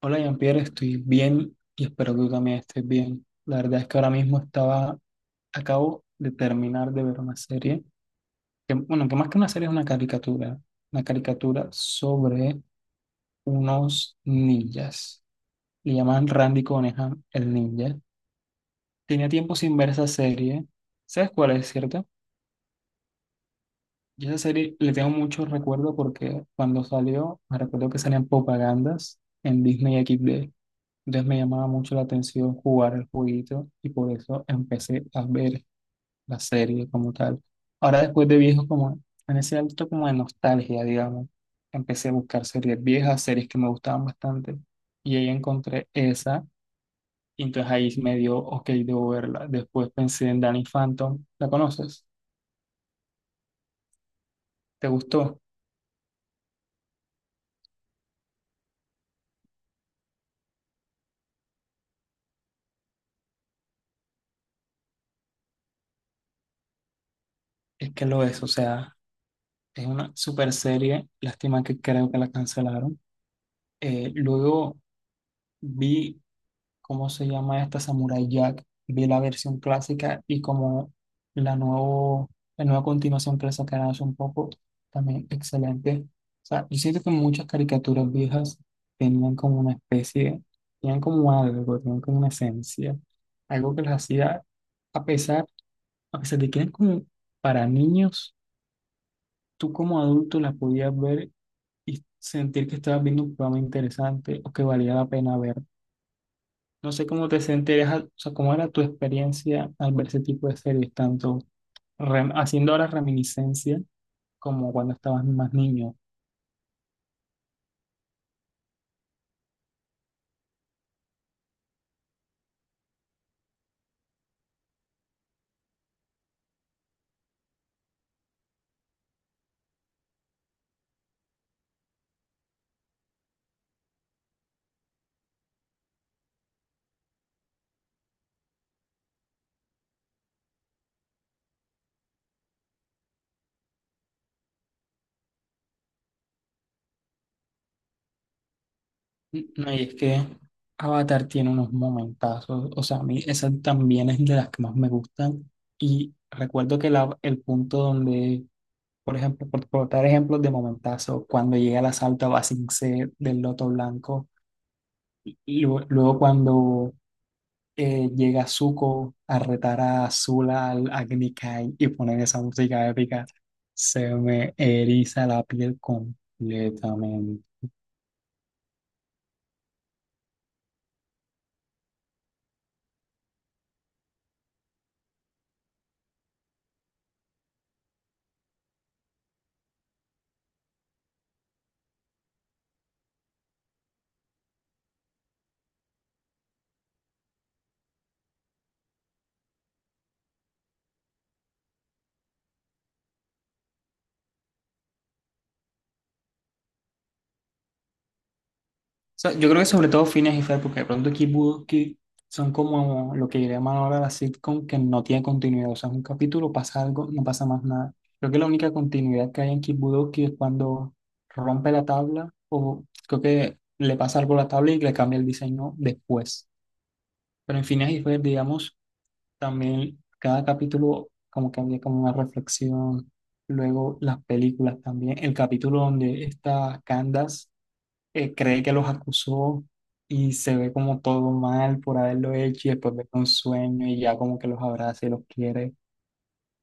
Hola Jean-Pierre, estoy bien y espero que tú también estés bien. La verdad es que ahora mismo estaba, acabo de terminar de ver una serie, que, bueno, que más que una serie es una caricatura sobre unos ninjas. Le llaman Randy Conejan el ninja. Tenía tiempo sin ver esa serie. ¿Sabes cuál es, cierto? Yo esa serie le tengo mucho recuerdo porque cuando salió, me recuerdo que salían propagandas en Disney XD. Entonces me llamaba mucho la atención jugar el jueguito y por eso empecé a ver la serie como tal. Ahora después de viejo, como en ese alto como de nostalgia, digamos, empecé a buscar series viejas, series que me gustaban bastante y ahí encontré esa y entonces ahí me dio, ok, debo verla. Después pensé en Danny Phantom, ¿la conoces? ¿Te gustó? Es que lo es, o sea, es una super serie, lástima que creo que la cancelaron. Luego vi, ¿cómo se llama esta? Samurai Jack. Vi la versión clásica y como la, nuevo, la nueva continuación que le sacaron hace un poco, también excelente. O sea, yo siento que muchas caricaturas viejas tenían como una especie, tenían como algo, tenían como una esencia, algo que las hacía, a pesar, a pesar de que eran como para niños, tú como adulto las podías ver y sentir que estabas viendo un programa interesante o que valía la pena ver. No sé cómo te sentías, o sea, cómo era tu experiencia al ver ese tipo de series, tanto haciendo ahora reminiscencia como cuando estabas más niño. No, y es que Avatar tiene unos momentazos, o sea, a mí esa también es de las que más me gustan. Y recuerdo que el punto donde, por ejemplo, por dar ejemplos de momentazo, cuando llega el asalto a Ba Sing Se del Loto Blanco, luego cuando llega Zuko a retar a Azula al Agni Kai y ponen esa música épica, se me eriza la piel completamente. O sea, yo creo que sobre todo Phineas y Ferb, porque de pronto Kid Bucky son como lo que llaman ahora la sitcom que no tiene continuidad. O sea, es un capítulo, pasa algo, no pasa más nada. Creo que la única continuidad que hay en Kid Bucky es cuando rompe la tabla, o creo que le pasa algo a la tabla y le cambia el diseño después. Pero en Phineas y Ferb, digamos. También cada capítulo como que había como una reflexión. Luego las películas también. El capítulo donde esta Candace cree que los acusó y se ve como todo mal por haberlo hecho y después ve un sueño y ya como que los abraza y los quiere.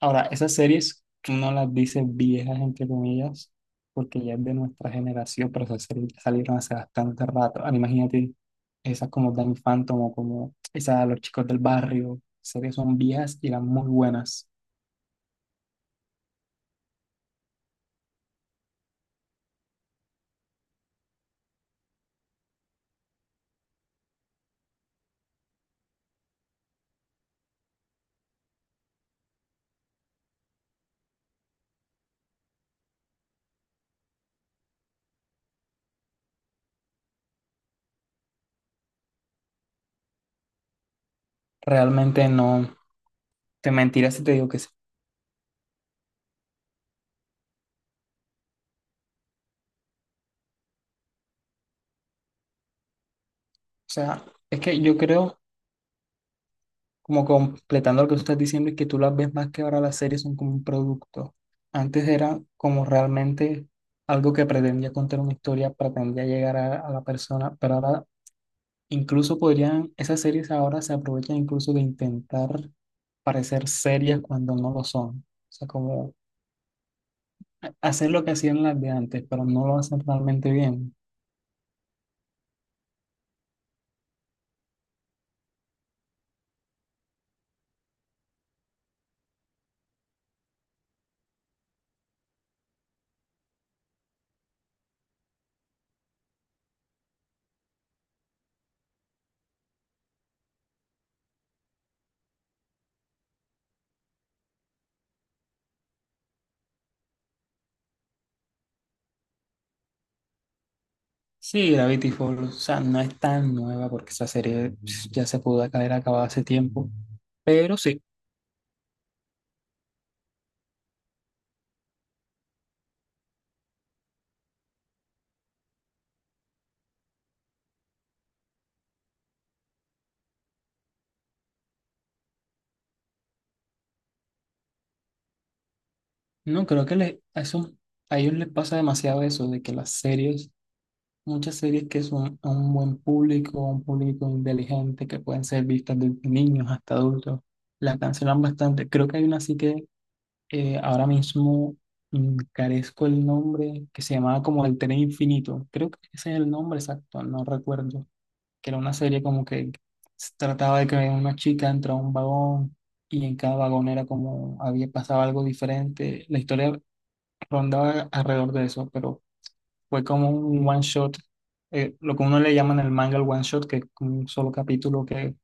Ahora, esas series tú no las dices viejas, entre comillas, porque ya es de nuestra generación, pero esas series ya salieron hace bastante rato. Ahora, imagínate esas como Danny Phantom o como esas Los Chicos del Barrio. Series son viejas y eran muy buenas. Realmente no te mentiras si te digo que sí. O sea, es que yo creo, como completando lo que tú estás diciendo, es que tú las ves más que ahora las series son como un producto. Antes era como realmente algo que pretendía contar una historia, pretendía llegar a la persona, pero ahora incluso podrían, esas series ahora se aprovechan incluso de intentar parecer serias cuando no lo son. O sea, como hacer lo que hacían las de antes, pero no lo hacen realmente bien. Sí, Gravity Falls, o sea, no es tan nueva porque esa serie pss, ya se pudo haber acabado hace tiempo. Pero sí, no, creo que a ellos les pasa demasiado eso, de que las series, muchas series que son a un buen público, a un público inteligente, que pueden ser vistas desde niños hasta adultos, las cancelan bastante. Creo que hay una así que ahora mismo carezco el nombre, que se llamaba como El Tren Infinito. Creo que ese es el nombre exacto, no recuerdo. Que era una serie como que se trataba de que una chica entra a un vagón y en cada vagón era como había pasado algo diferente. La historia rondaba alrededor de eso, pero fue como un one shot, lo que uno le llama en el manga el one shot, que es como un solo capítulo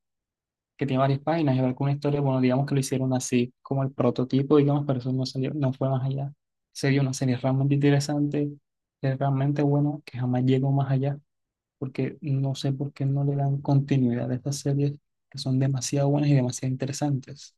que tiene varias páginas y alguna historia, bueno, digamos que lo hicieron así, como el prototipo, digamos, pero eso no salió, no fue más allá. Sería una serie realmente interesante, es realmente buena, que jamás llegó más allá, porque no sé por qué no le dan continuidad a estas series que son demasiado buenas y demasiado interesantes.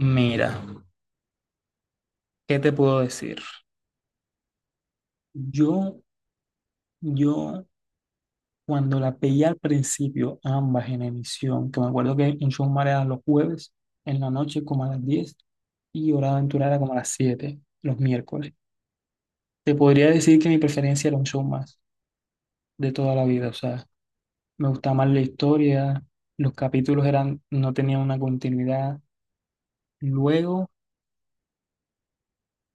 Mira, ¿qué te puedo decir? Yo, yo cuando la veía al principio, ambas en emisión, que me acuerdo que en Showmare era los jueves, en la noche como a las 10 y Hora de Aventura era como a las 7 los miércoles. Te podría decir que mi preferencia era un show más de toda la vida, o sea, me gustaba más la historia, los capítulos eran, no tenían una continuidad. Luego,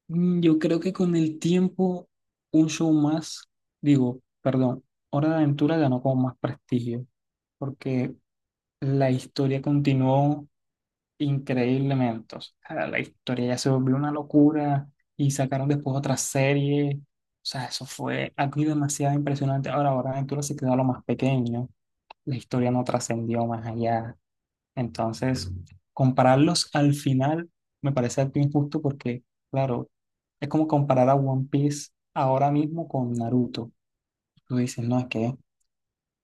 yo creo que con el tiempo, un show más, digo, perdón, Hora de Aventura ganó como más prestigio, porque la historia continuó increíblemente. O sea, la historia ya se volvió una locura y sacaron después otra serie. O sea, eso fue algo demasiado impresionante. Ahora Aventura se quedó a lo más pequeño. La historia no trascendió más allá. Entonces, compararlos al final me parece algo injusto porque, claro, es como comparar a One Piece ahora mismo con Naruto. Tú dices, no, es que,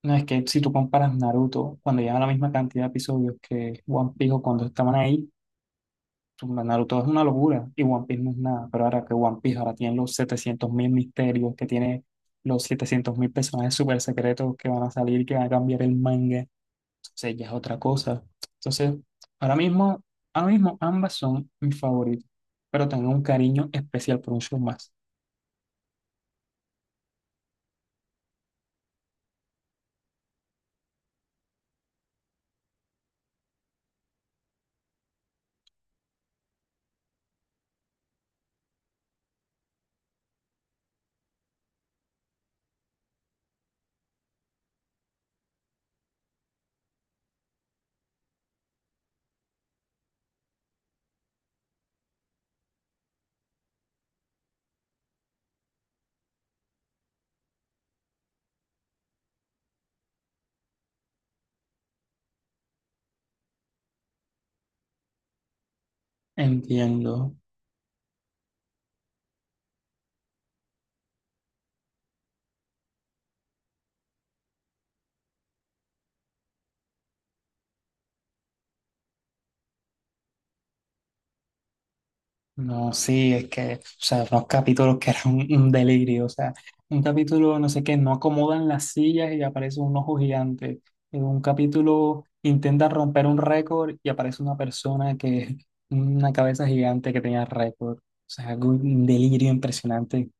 no, es que si tú comparas Naruto cuando llevan la misma cantidad de episodios que One Piece o cuando estaban ahí, Naruto es una locura y One Piece no es nada, pero ahora que One Piece ahora tiene los 700 mil misterios, que tiene los setecientos mil personajes súper secretos que van a salir, que van a cambiar el manga, entonces ya es otra cosa. Entonces, ahora mismo, ahora mismo ambas son mis favoritos, pero tengo un cariño especial por un show más. Entiendo. No, sí, es que, o sea, unos capítulos que eran un delirio, o sea, un capítulo, no sé qué, no acomodan las sillas y aparece un ojo gigante. En un capítulo intenta romper un récord y aparece una persona que, una cabeza gigante que tenía récord. O sea, algo, un delirio impresionante.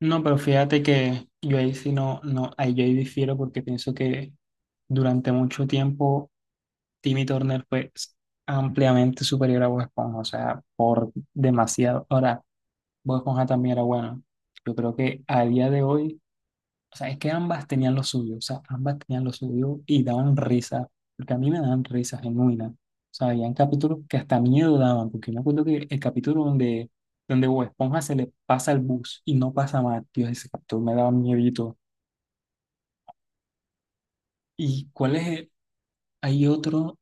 No, pero fíjate que yo ahí sí no, no, ahí yo ahí difiero porque pienso que durante mucho tiempo Timmy Turner fue ampliamente superior a Bob Esponja, o sea, por demasiado. Ahora, Bob Esponja también era buena. Yo creo que a día de hoy, o sea, es que ambas tenían lo suyo, o sea, ambas tenían lo suyo y daban risa, porque a mí me daban risa genuina. O sea, habían capítulos que hasta miedo daban, porque yo me acuerdo que el capítulo donde, donde Bob Esponja se le pasa el bus y no pasa más, tío, ese capítulo me daba miedito. ¿Y cuál es hay otro,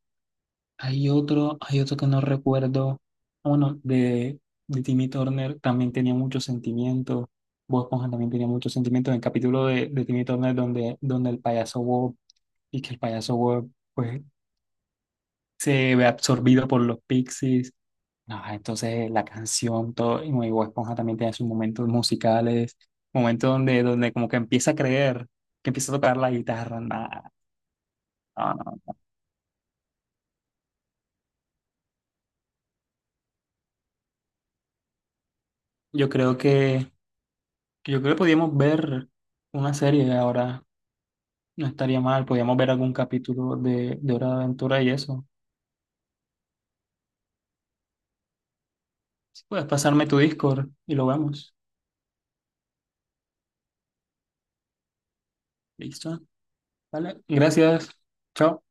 hay otro, hay otro que no recuerdo. Bueno, de Timmy Turner también tenía muchos sentimientos. Bob Esponja también tenía muchos sentimientos. En el capítulo de Timmy Turner donde, donde el payaso Bob, y que el payaso Bob pues se ve absorbido por los pixies. No, entonces la canción, todo, y bueno, y Bob Esponja también tiene sus momentos musicales, momentos donde, donde como que empieza a creer, que empieza a tocar la guitarra. Nah, no, no. Yo creo que, yo creo que podíamos ver una serie ahora. No estaría mal, podríamos ver algún capítulo de Hora de Aventura y eso. Si puedes pasarme tu Discord y lo vemos. Listo. Vale, gracias. Chao.